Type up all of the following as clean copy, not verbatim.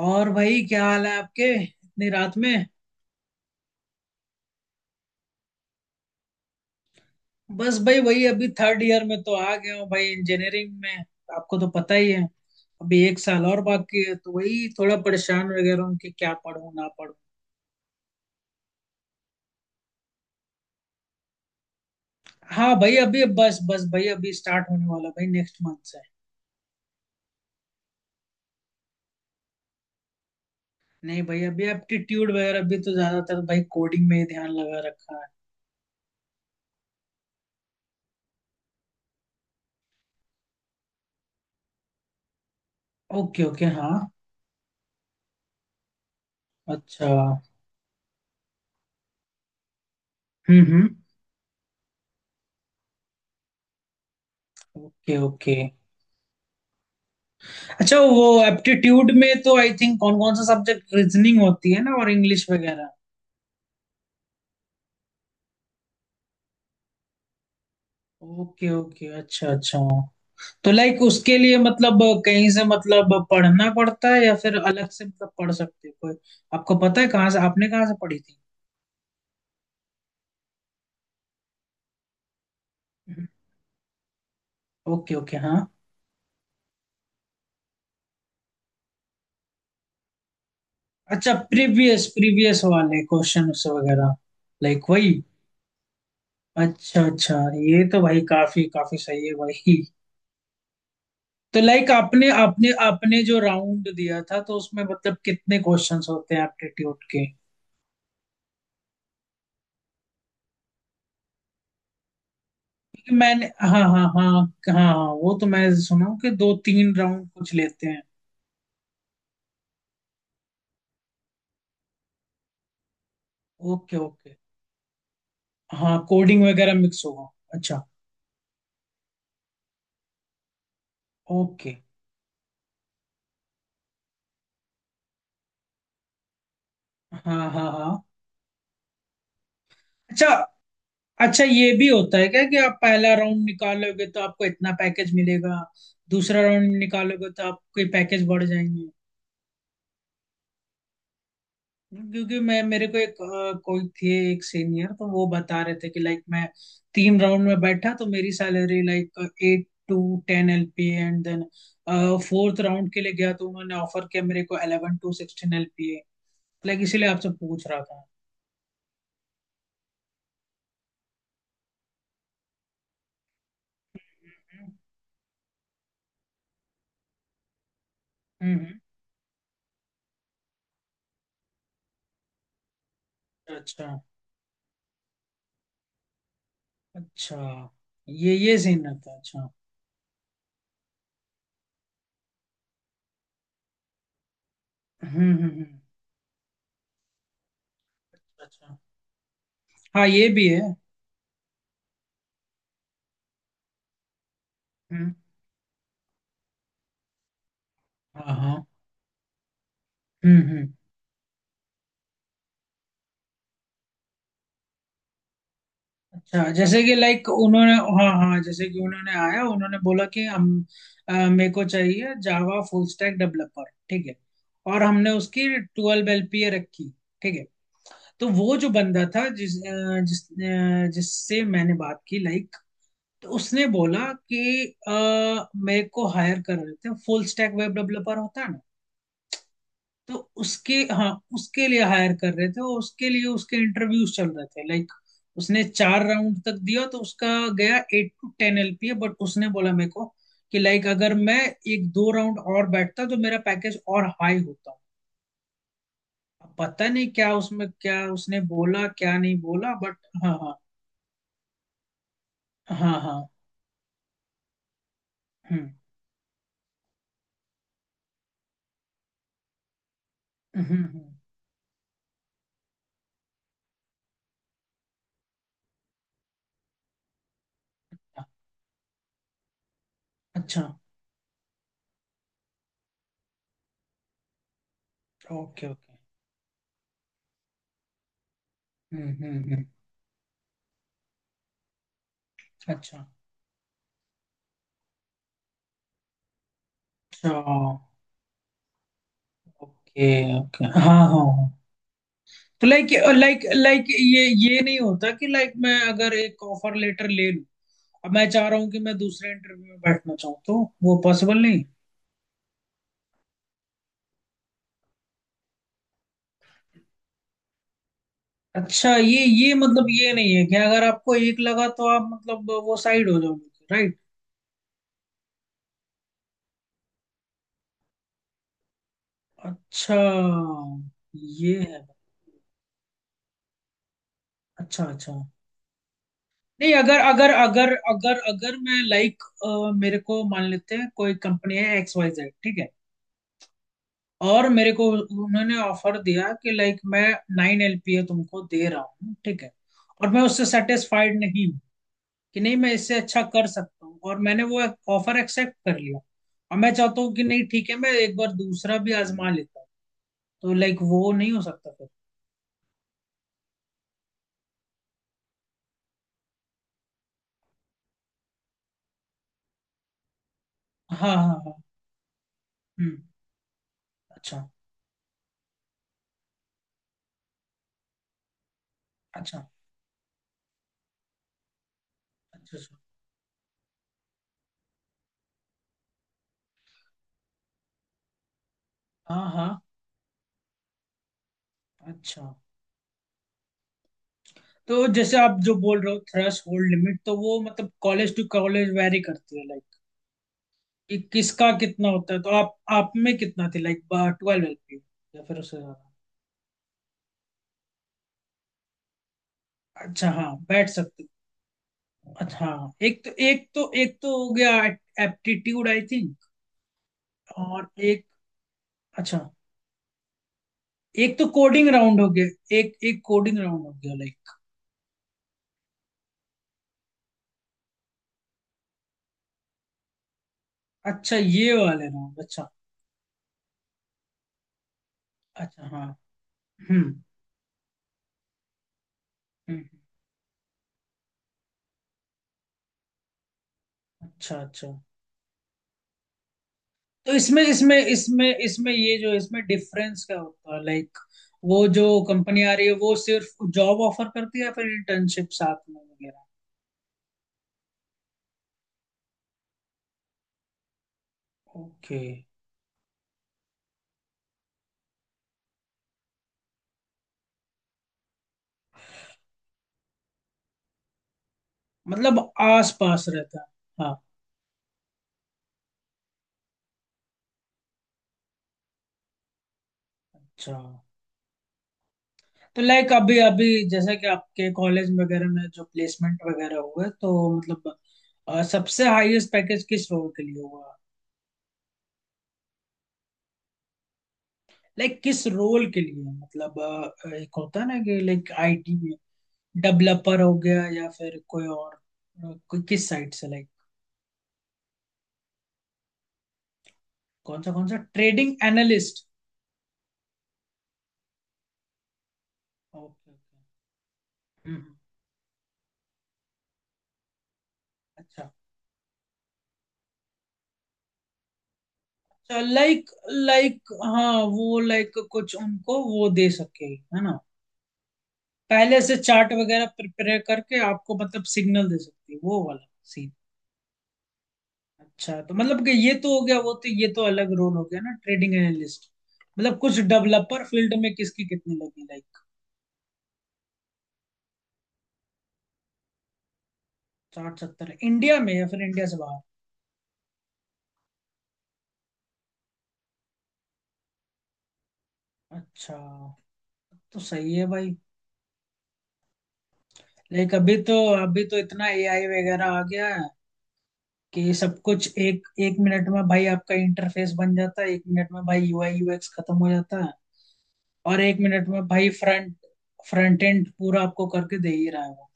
और भाई, क्या हाल है आपके इतनी रात में। बस भाई वही, अभी थर्ड ईयर में तो आ गया हूँ भाई, इंजीनियरिंग में। आपको तो पता ही है। अभी एक साल और बाकी है, तो वही थोड़ा परेशान वगैरह हूँ कि क्या पढूं ना पढूं। हाँ भाई, अभी बस बस भाई, अभी स्टार्ट होने वाला भाई नेक्स्ट मंथ से। नहीं भाई, अभी एप्टीट्यूड वगैरह भी तो ज्यादातर भाई कोडिंग में ही ध्यान लगा रखा है। ओके ओके, हाँ। अच्छा। हम्म। Okay okay. अच्छा, वो एप्टीट्यूड में तो आई थिंक कौन कौन सा सब्जेक्ट, रीजनिंग होती है ना, और इंग्लिश वगैरह। ओके ओके, अच्छा अच्छा। तो लाइक उसके लिए मतलब, कहीं से मतलब पढ़ना पड़ता है या फिर अलग से मतलब पढ़ सकते हो कोई। आपको पता है कहाँ से, आपने कहाँ से पढ़ी थी? ओके ओके, हाँ। अच्छा, प्रीवियस प्रीवियस वाले क्वेश्चन वगैरह। लाइक वही। अच्छा अच्छा। ये तो भाई काफी काफी सही है भाई। तो लाइक आपने आपने आपने जो राउंड दिया था, तो उसमें मतलब कितने क्वेश्चंस होते हैं एप्टीट्यूड के? क्योंकि मैंने, हाँ हाँ हाँ। हाँ हाँ, वो तो मैं सुना हूँ कि दो तीन राउंड कुछ लेते हैं। ओके ओके, हाँ। कोडिंग वगैरह मिक्स होगा। अच्छा। ओके। हाँ हाँ हाँ। अच्छा अच्छा, ये भी होता है क्या कि आप पहला राउंड निकालोगे तो आपको इतना पैकेज मिलेगा, दूसरा राउंड निकालोगे तो आपके पैकेज बढ़ जाएंगे? क्योंकि मैं, मेरे को एक कोई थे, एक सीनियर, तो वो बता रहे थे कि लाइक मैं तीन राउंड में बैठा तो मेरी salary like eight to ten LP, and then fourth round के लिए गया तो उन्होंने ऑफर किया मेरे को eleven to sixteen LP. Like इसीलिए आपसे पूछ रहा था। हम्म हम्म, अच्छा अच्छा। ये सीन रहता है? अच्छा। हम्म हम्म हम्म, अच्छा, हाँ ये भी है। हम्म। हाँ हाँ। हम्म। अच्छा, जैसे कि लाइक उन्होंने, हाँ हाँ जैसे कि उन्होंने आया उन्होंने बोला कि हम, मेरे को चाहिए जावा फुल स्टैक डेवलपर। ठीक है, और हमने उसकी ट्वेल्व एलपीए रखी। ठीक है। तो वो जो बंदा था, जिससे मैंने बात की लाइक, तो उसने बोला कि मेरे को हायर कर रहे थे, फुल स्टैक वेब डेवलपर होता है ना, तो उसके, हाँ उसके लिए हायर कर रहे थे, और उसके लिए उसके इंटरव्यूज चल रहे थे लाइक। उसने चार राउंड तक दिया, तो उसका गया eight to ten LPA. But उसने बोला मेरे को कि लाइक अगर मैं एक दो राउंड और बैठता तो मेरा पैकेज और हाई होता। अब पता नहीं क्या उसने बोला क्या नहीं बोला, बट हाँ हाँ हाँ। हाँ। हम्म हम्म हम्म, हाँ। अच्छा। Okay okay. Hmm hmm hmm, अच्छा अच्छा। ओके ओके, हाँ हाँ हाँ। तो लाइक, लाइक ये नहीं होता कि लाइक मैं अगर एक ऑफर लेटर ले लूं, अब मैं चाह रहा हूँ कि मैं दूसरे इंटरव्यू में बैठना चाहूँ, तो वो पॉसिबल नहीं? अच्छा, ये मतलब ये नहीं है कि अगर आपको एक लगा तो आप मतलब वो साइड हो जाओगे, राइट? अच्छा, ये है। अच्छा अच्छा। नहीं, अगर अगर अगर अगर अगर मैं लाइक, मेरे को मान लेते हैं कोई कंपनी है एक्स वाई जेड, ठीक है? और मेरे को उन्होंने ऑफर दिया कि लाइक मैं नाइन एलपीए तुमको दे रहा हूँ, ठीक है? और मैं उससे सेटिस्फाइड नहीं हूँ, कि नहीं मैं इससे अच्छा कर सकता हूँ, और मैंने वो ऑफर एक्सेप्ट कर लिया, और मैं चाहता हूँ कि नहीं ठीक है, मैं एक बार दूसरा भी आजमा लेता हूँ, तो लाइक वो नहीं हो सकता फिर? हाँ हाँ हाँ। हम्म। अच्छा अच्छा। अच्छा अच्छा। हाँ हाँ। अच्छा, तो जैसे आप जो बोल रहे हो थ्रेश होल्ड लिमिट, तो वो मतलब कॉलेज टू कॉलेज वेरी करती है लाइक, कि किसका कितना होता है? तो आप में कितना थी लाइक, ट्वेल्व एलपी या फिर उससे ज्यादा? अच्छा हाँ, बैठ सकते हो। अच्छा हाँ, एक तो हो गया, एप्टीट्यूड आई थिंक, और एक। अच्छा। एक तो कोडिंग राउंड हो गया, एक एक कोडिंग राउंड हो गया लाइक। अच्छा, ये वाले राउंड? अच्छा। अच्छा हाँ। हम्म हम्म हम्म, अच्छा अच्छा। तो इसमें इसमें इसमें इसमें ये जो है, इसमें डिफरेंस क्या होता है लाइक? वो जो कंपनी आ रही है वो सिर्फ जॉब ऑफर करती है, या फिर इंटर्नशिप साथ में वगैरह? ओके। मतलब आस पास रहता है। हाँ। अच्छा, तो लाइक अभी अभी जैसे कि आपके कॉलेज वगैरह में जो प्लेसमेंट वगैरह हुए तो मतलब, सबसे हाईएस्ट पैकेज किस रोल के लिए हुआ? लाइक किस रोल के लिए मतलब, एक होता है ना कि लाइक आईटी डेवलपर हो गया या फिर कोई और, कोई किस साइड से लाइक? कौन सा trading analyst? Okay okay. Hmm. अच्छा। लाइक लाइक हाँ, वो लाइक कुछ उनको वो दे सके, है ना? पहले से चार्ट वगैरह प्रिपेयर करके आपको मतलब सिग्नल दे सकती है, वो वाला सीन। अच्छा, तो मतलब कि ये तो हो गया, वो तो, ये तो अलग रोल हो गया ना ट्रेडिंग एनालिस्ट। मतलब कुछ डेवलपर फील्ड में किसकी कितनी लगी लाइक? साठ सत्तर इंडिया में या फिर इंडिया से बाहर? अच्छा। तो सही है भाई। लाइक अभी तो इतना एआई वगैरह आ गया है कि सब कुछ एक एक मिनट में भाई आपका इंटरफेस बन जाता है, एक मिनट में भाई यूआई यूएक्स खत्म हो जाता है, और एक मिनट में भाई फ्रंट फ्रंट एंड पूरा आपको करके दे ही रहा है वो।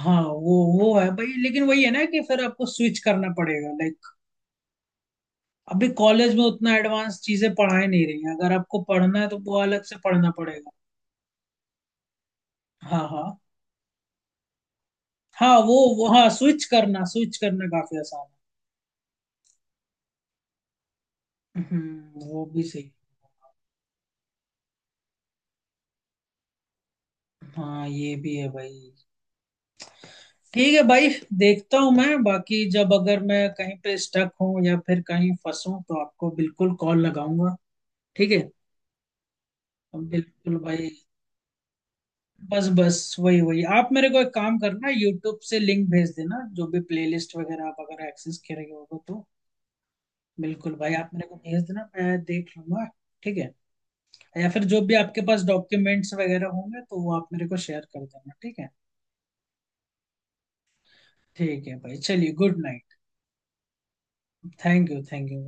हाँ वो है भाई, लेकिन वही है ना कि फिर आपको स्विच करना पड़ेगा लाइक, अभी कॉलेज में उतना एडवांस चीजें पढ़ाई नहीं रही हैं, अगर आपको पढ़ना है तो वो अलग से पढ़ना पड़ेगा। हाँ हाँ। हाँ वो हाँ, स्विच करना काफी आसान है। हम्म, वो भी सही। हाँ, ये भी है भाई। ठीक है भाई, देखता हूँ मैं बाकी, जब अगर मैं कहीं पे स्टक हूँ या फिर कहीं फंसूँ तो आपको बिल्कुल कॉल लगाऊंगा, ठीक है? बिल्कुल भाई। बस बस वही वही आप मेरे को एक काम करना, यूट्यूब से लिंक भेज देना जो भी प्लेलिस्ट वगैरह आप अगर एक्सेस कर रहे हो तो। बिल्कुल भाई, आप मेरे को भेज देना, मैं देख लूंगा। ठीक है। या फिर जो भी आपके पास डॉक्यूमेंट्स वगैरह होंगे तो वो आप मेरे को शेयर कर देना, ठीक है? ठीक है भाई, चलिए good night. Thank you thank you.